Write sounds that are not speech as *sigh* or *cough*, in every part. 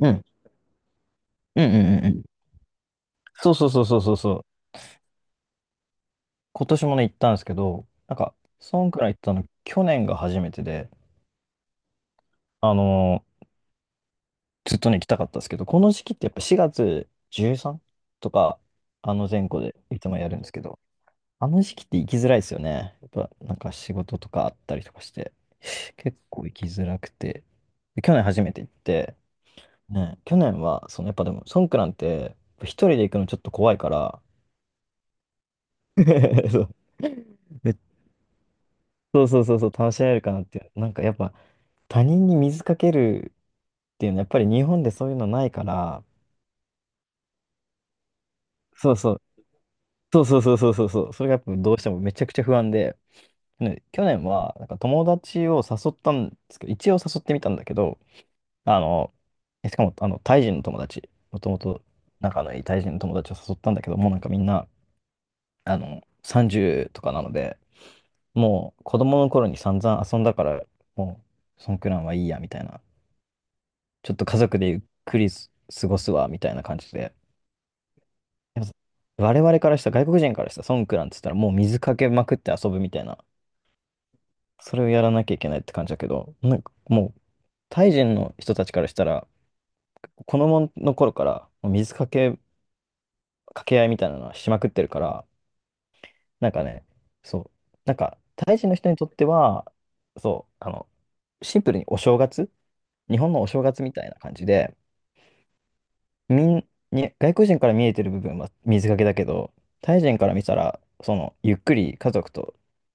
うん。うんうんうんうん。そうそうそうそうそうそう。今年もね、行ったんですけど、なんか、そんくらい行ったの、去年が初めてで、あのーずっとね、行きたかったんですけど、この時期ってやっぱ4月 13? とか、あの前後でいつもやるんですけど、あの時期って行きづらいですよね。やっぱ、なんか仕事とかあったりとかして、結構行きづらくて。で去年初めて行って、ね、去年は、そのやっぱでも、ソンクランって、一人で行くのちょっと怖いから、*laughs* そう。で、そうそうそうそう、楽しめるかなっていう。なんかやっぱ他人に水かけるっていうのはやっぱり日本でそういうのないから、そうそう、そうそうそうそうそうそう、それがやっぱどうしてもめちゃくちゃ不安で、ね去年はなんか友達を誘ったんですけど、一応誘ってみたんだけど、あの、しかもあのタイ人の友達、もともと仲のいいタイ人の友達を誘ったんだけど、もうなんかみんな、30とかなので、もう子供の頃に散々遊んだから、もうそんくらいはいいやみたいな、ちょっと家族でゆっくり過ごすわ、みたいな感じで。でも我々からしたら、外国人からしたら、ソンクランって言ったら、もう水かけまくって遊ぶみたいな、それをやらなきゃいけないって感じだけど、なんかもう、タイ人の人たちからしたら、子供の頃から、もう水かけ、かけ合いみたいなのはしまくってるから、なんかね、そう、なんか、タイ人の人にとっては、そう、シンプルにお正月、日本のお正月みたいな感じで、に外国人から見えてる部分は水かけだけど、タイ人から見たら、その、ゆっくり家族と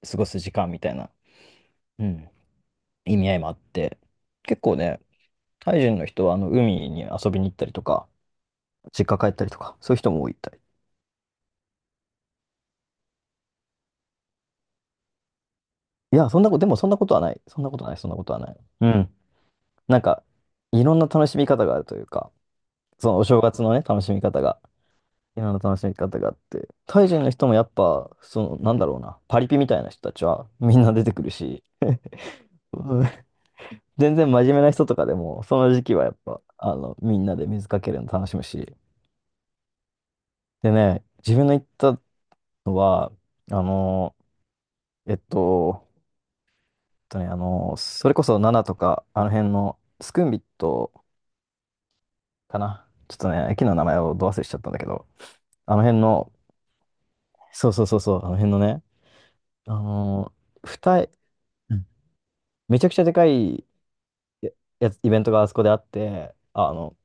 過ごす時間みたいな、うん、意味合いもあって、結構ね、タイ人の人はあの海に遊びに行ったりとか、実家帰ったりとか、そういう人も多いみたい。いや、そんなこと、でもそんなことはない。そんなことない、そんなことはない。うん。なんか、いろんな楽しみ方があるというか、そのお正月のね、楽しみ方が今の楽しみ方があって。タイ人の人もやっぱ、その、なんだろうな、パリピみたいな人たちはみんな出てくるし、*laughs* うん、全然真面目な人とかでも、その時期はやっぱ、みんなで水かけるの楽しむし。でね、自分の行ったのは、あの、えっと、それこそナナとか、あの辺のスクンビットかな。ちょっとね、駅の名前をど忘れしちゃったんだけど、あの辺の、そうそうそうそう、あの辺のね、あの、二重、うん、めちゃくちゃでかいや、やつイベントがあそこであって、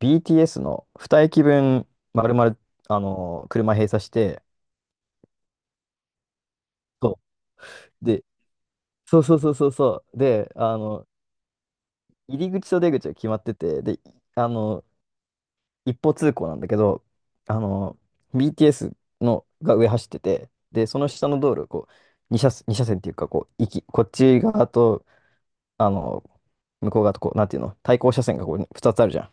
BTS の2駅分、丸々、車閉鎖して、そう。で、そうそうそうそうそう。で、入り口と出口が決まってて、で、あの、一方通行なんだけど、あの、BTS のが上走ってて、で、その下の道路、こう、2車線、二車線っていうか、こう、こっち側と、あの、向こう側と、こう、なんていうの、対向車線がこう、2つあるじゃん。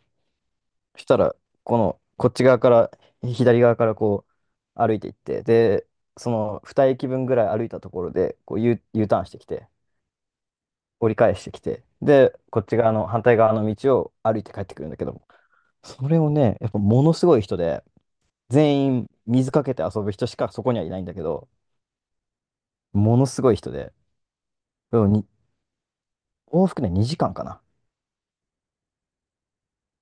そしたら、こっち側から、左側からこう、歩いていって、で、その2駅分ぐらい歩いたところで、こう U ターンしてきて、折り返してきて、で、こっち側の、反対側の道を歩いて帰ってくるんだけども、それをね、やっぱものすごい人で、全員水かけて遊ぶ人しかそこにはいないんだけど、ものすごい人で、でもに往復ね、2時間かな、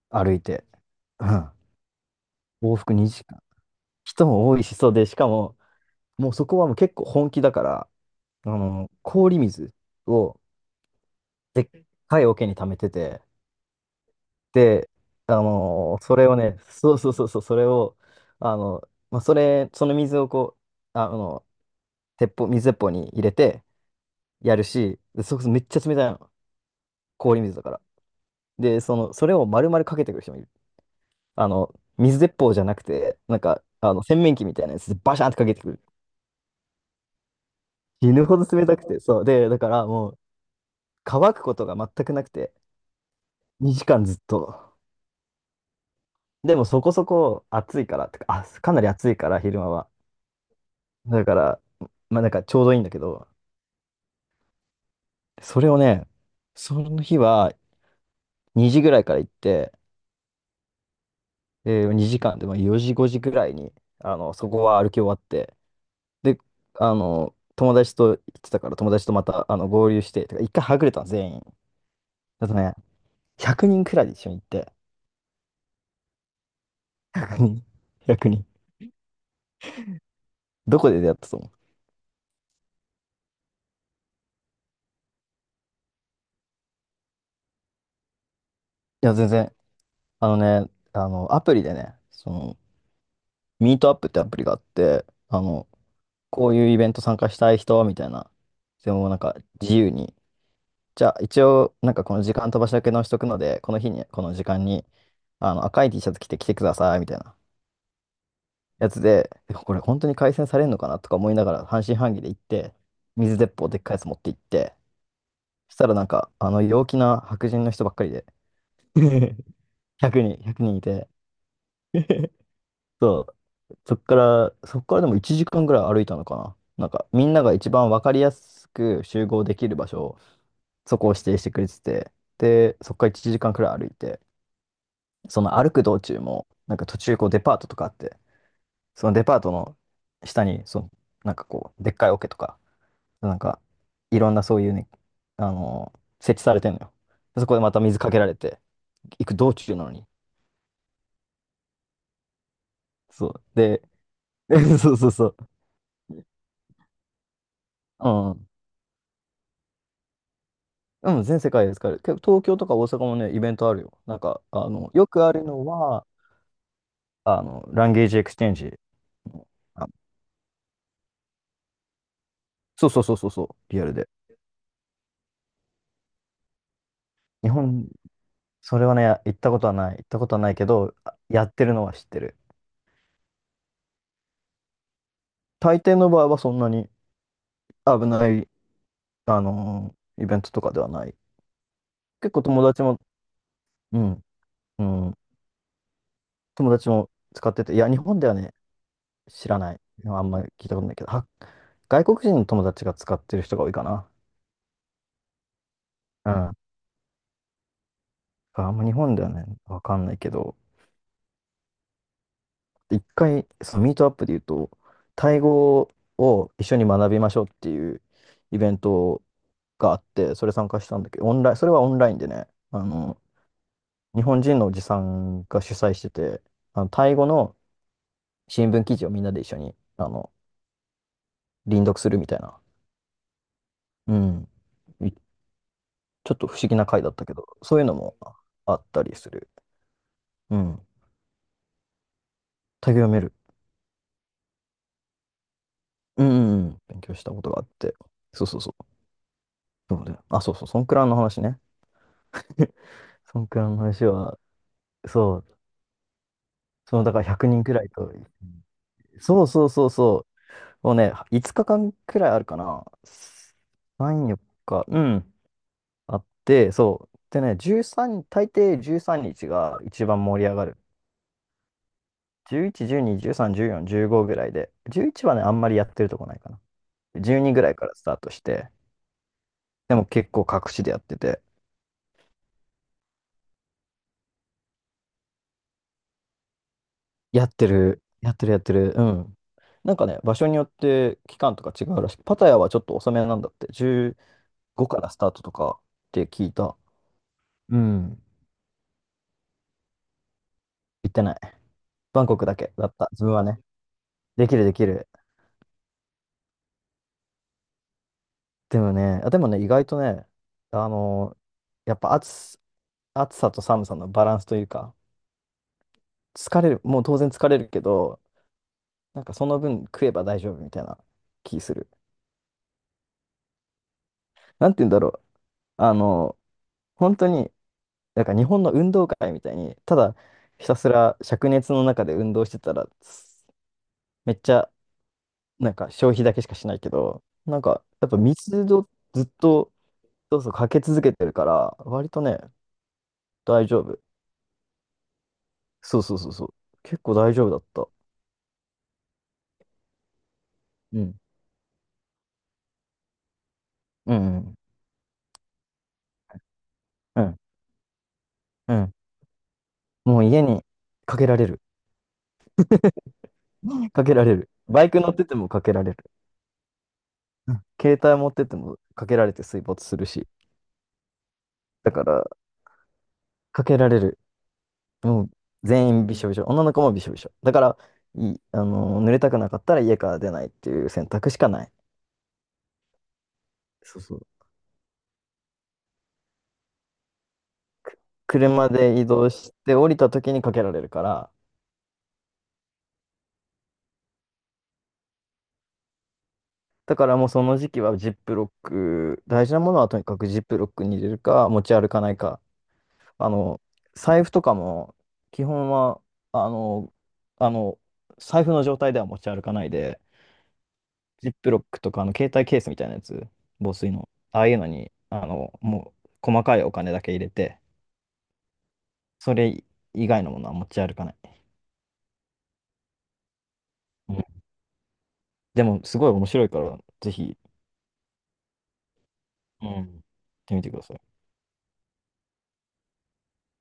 歩いて。うん、往復2時間。人も多いし、そうで、しかも、もうそこはもう結構本気だから、氷水をでっかい桶に溜めてて、で、それをね、そうそうそうそう、それを、まあ、その水をこう、水鉄砲に入れてやるし、でめっちゃ冷たいの。氷水だから。で、その、それを丸々かけてくる人もいる。水鉄砲じゃなくて、なんか、洗面器みたいなやつでバシャンってかけてくる。死ぬほど冷たくて、そう。で、だからもう、乾くことが全くなくて、2時間ずっと。でもそこそこ暑いから、てか、あ、かなり暑いから、昼間は。だから、まあなんかちょうどいいんだけど、それをね、その日は2時ぐらいから行って、2時間でまあ4時5時ぐらいに、そこは歩き終わって、で、友達と行ってたから、友達とまた合流して、てか一回はぐれたの、全員。だとね、100人くにんくらいで一緒に行って、100人、100人。どこで出会ったと思う？いや、全然、あのね、アプリでね、その、ミートアップってアプリがあって、こういうイベント参加したい人、みたいな。でもなんか自由に。じゃあ一応、なんかこの時間飛ばしだけ直しとくので、この日に、この時間に、赤い T シャツ着て来てください、みたいなやつで、でもこれ本当に改善されるのかなとか思いながら半信半疑で行って、水鉄砲でっかいやつ持って行って、そしたらなんか、陽気な白人の人ばっかりで、*laughs* 1人、100人いて *laughs* そう。そっからでも1時間ぐらい歩いたのかな。なんか、みんなが一番わかりやすく集合できる場所、そこを指定してくれてて、で、そっから1時間くらい歩いて、その歩く道中も、なんか途中こうデパートとかあって、そのデパートの下に、その、なんかこう、でっかい桶とか、なんか、いろんなそういうね、あの設置されてんのよ。でそこでまた水かけられて、行く道中なのに。そう。で、*laughs* そうそうそう。うんうん、全世界で使える。結構東京とか大阪もね、イベントあるよ。なんか、よくあるのは、ランゲージエクスチェンジ。あ、そうそうそうそうそう、リアルで。日本、それはね、行ったことはない。行ったことはないけど、あ、やってるのは知ってる。大抵の場合はそんなに危ない、イベントとかではない。結構友達も、うん、うん、友達も使ってて、いや、日本ではね、知らない。あんまり聞いたことないけど、外国人の友達が使ってる人が多いかな。あんま日本ではね、わかんないけど、一回、そのミートアップで言うと、タイ語を一緒に学びましょうっていうイベントがあって、それ参加したんだけど、オンライン、それはオンラインでね、あの、日本人のおじさんが主催してて、タイ語の新聞記事をみんなで一緒に、あの、輪読するみたいな、うん、ちょっと不思議な回だったけど、そういうのもあったりする。うん。タイ語読める。うん、うんうん、勉強したことがあって。そうそうそう。そうだよ。あ、そうそう、ソンクラの話ね。*laughs* ソンクラの話は、そう、その、だから100人くにんくらいと、そうそうそうそう、もうね、5日間くらいあるかな。3、4日、うん、あって、そう。でね、13、大抵13日が一番盛り上がる。11、12、13、14、15ぐらいで、11はね、あんまりやってるとこないかな。12ぐらいからスタートして、でも結構各地でやってて、やってる、やってる、やってる。うん。なんかね、場所によって期間とか違うらしい。パタヤはちょっと遅めなんだって。15からスタートとかって聞いた。うん。行ってない。バンコクだけだった。自分はね。できるできる。でもね、意外とね、あのーやっぱ暑さと寒さのバランスというか、疲れる、もう当然疲れるけど、なんかその分食えば大丈夫みたいな気する。なんて言うんだろう。あのー本当になんか日本の運動会みたいに、ただひたすら灼熱の中で運動してたら、めっちゃなんか消費だけしかしないけど、なんかやっぱ水をずっとそうそうかけ続けてるから、割とね、大丈夫。そうそうそうそう。結構大丈夫だった。うん。うんうんうん。うん。もう家にかけられる。*laughs* かけられる。バイク乗っててもかけられる。うん、携帯持っててもかけられて水没するし。だから、かけられる。もう全員びしょびしょ。女の子もびしょびしょ。だから、い、あのー、濡れたくなかったら家から出ないっていう選択しかない。そうそう。車で移動して降りた時にかけられるから、だからもうその時期はジップロック、大事なものはとにかくジップロックに入れるか、持ち歩かないか。あの、財布とかも、基本は、あの、あの、財布の状態では持ち歩かないで、ジップロックとか、携帯ケースみたいなやつ、防水の。ああいうのに、もう、細かいお金だけ入れて、それ以外のものは持ち歩かない。うん。でも、すごい面白いから、ぜひ、うん。行ってみてください。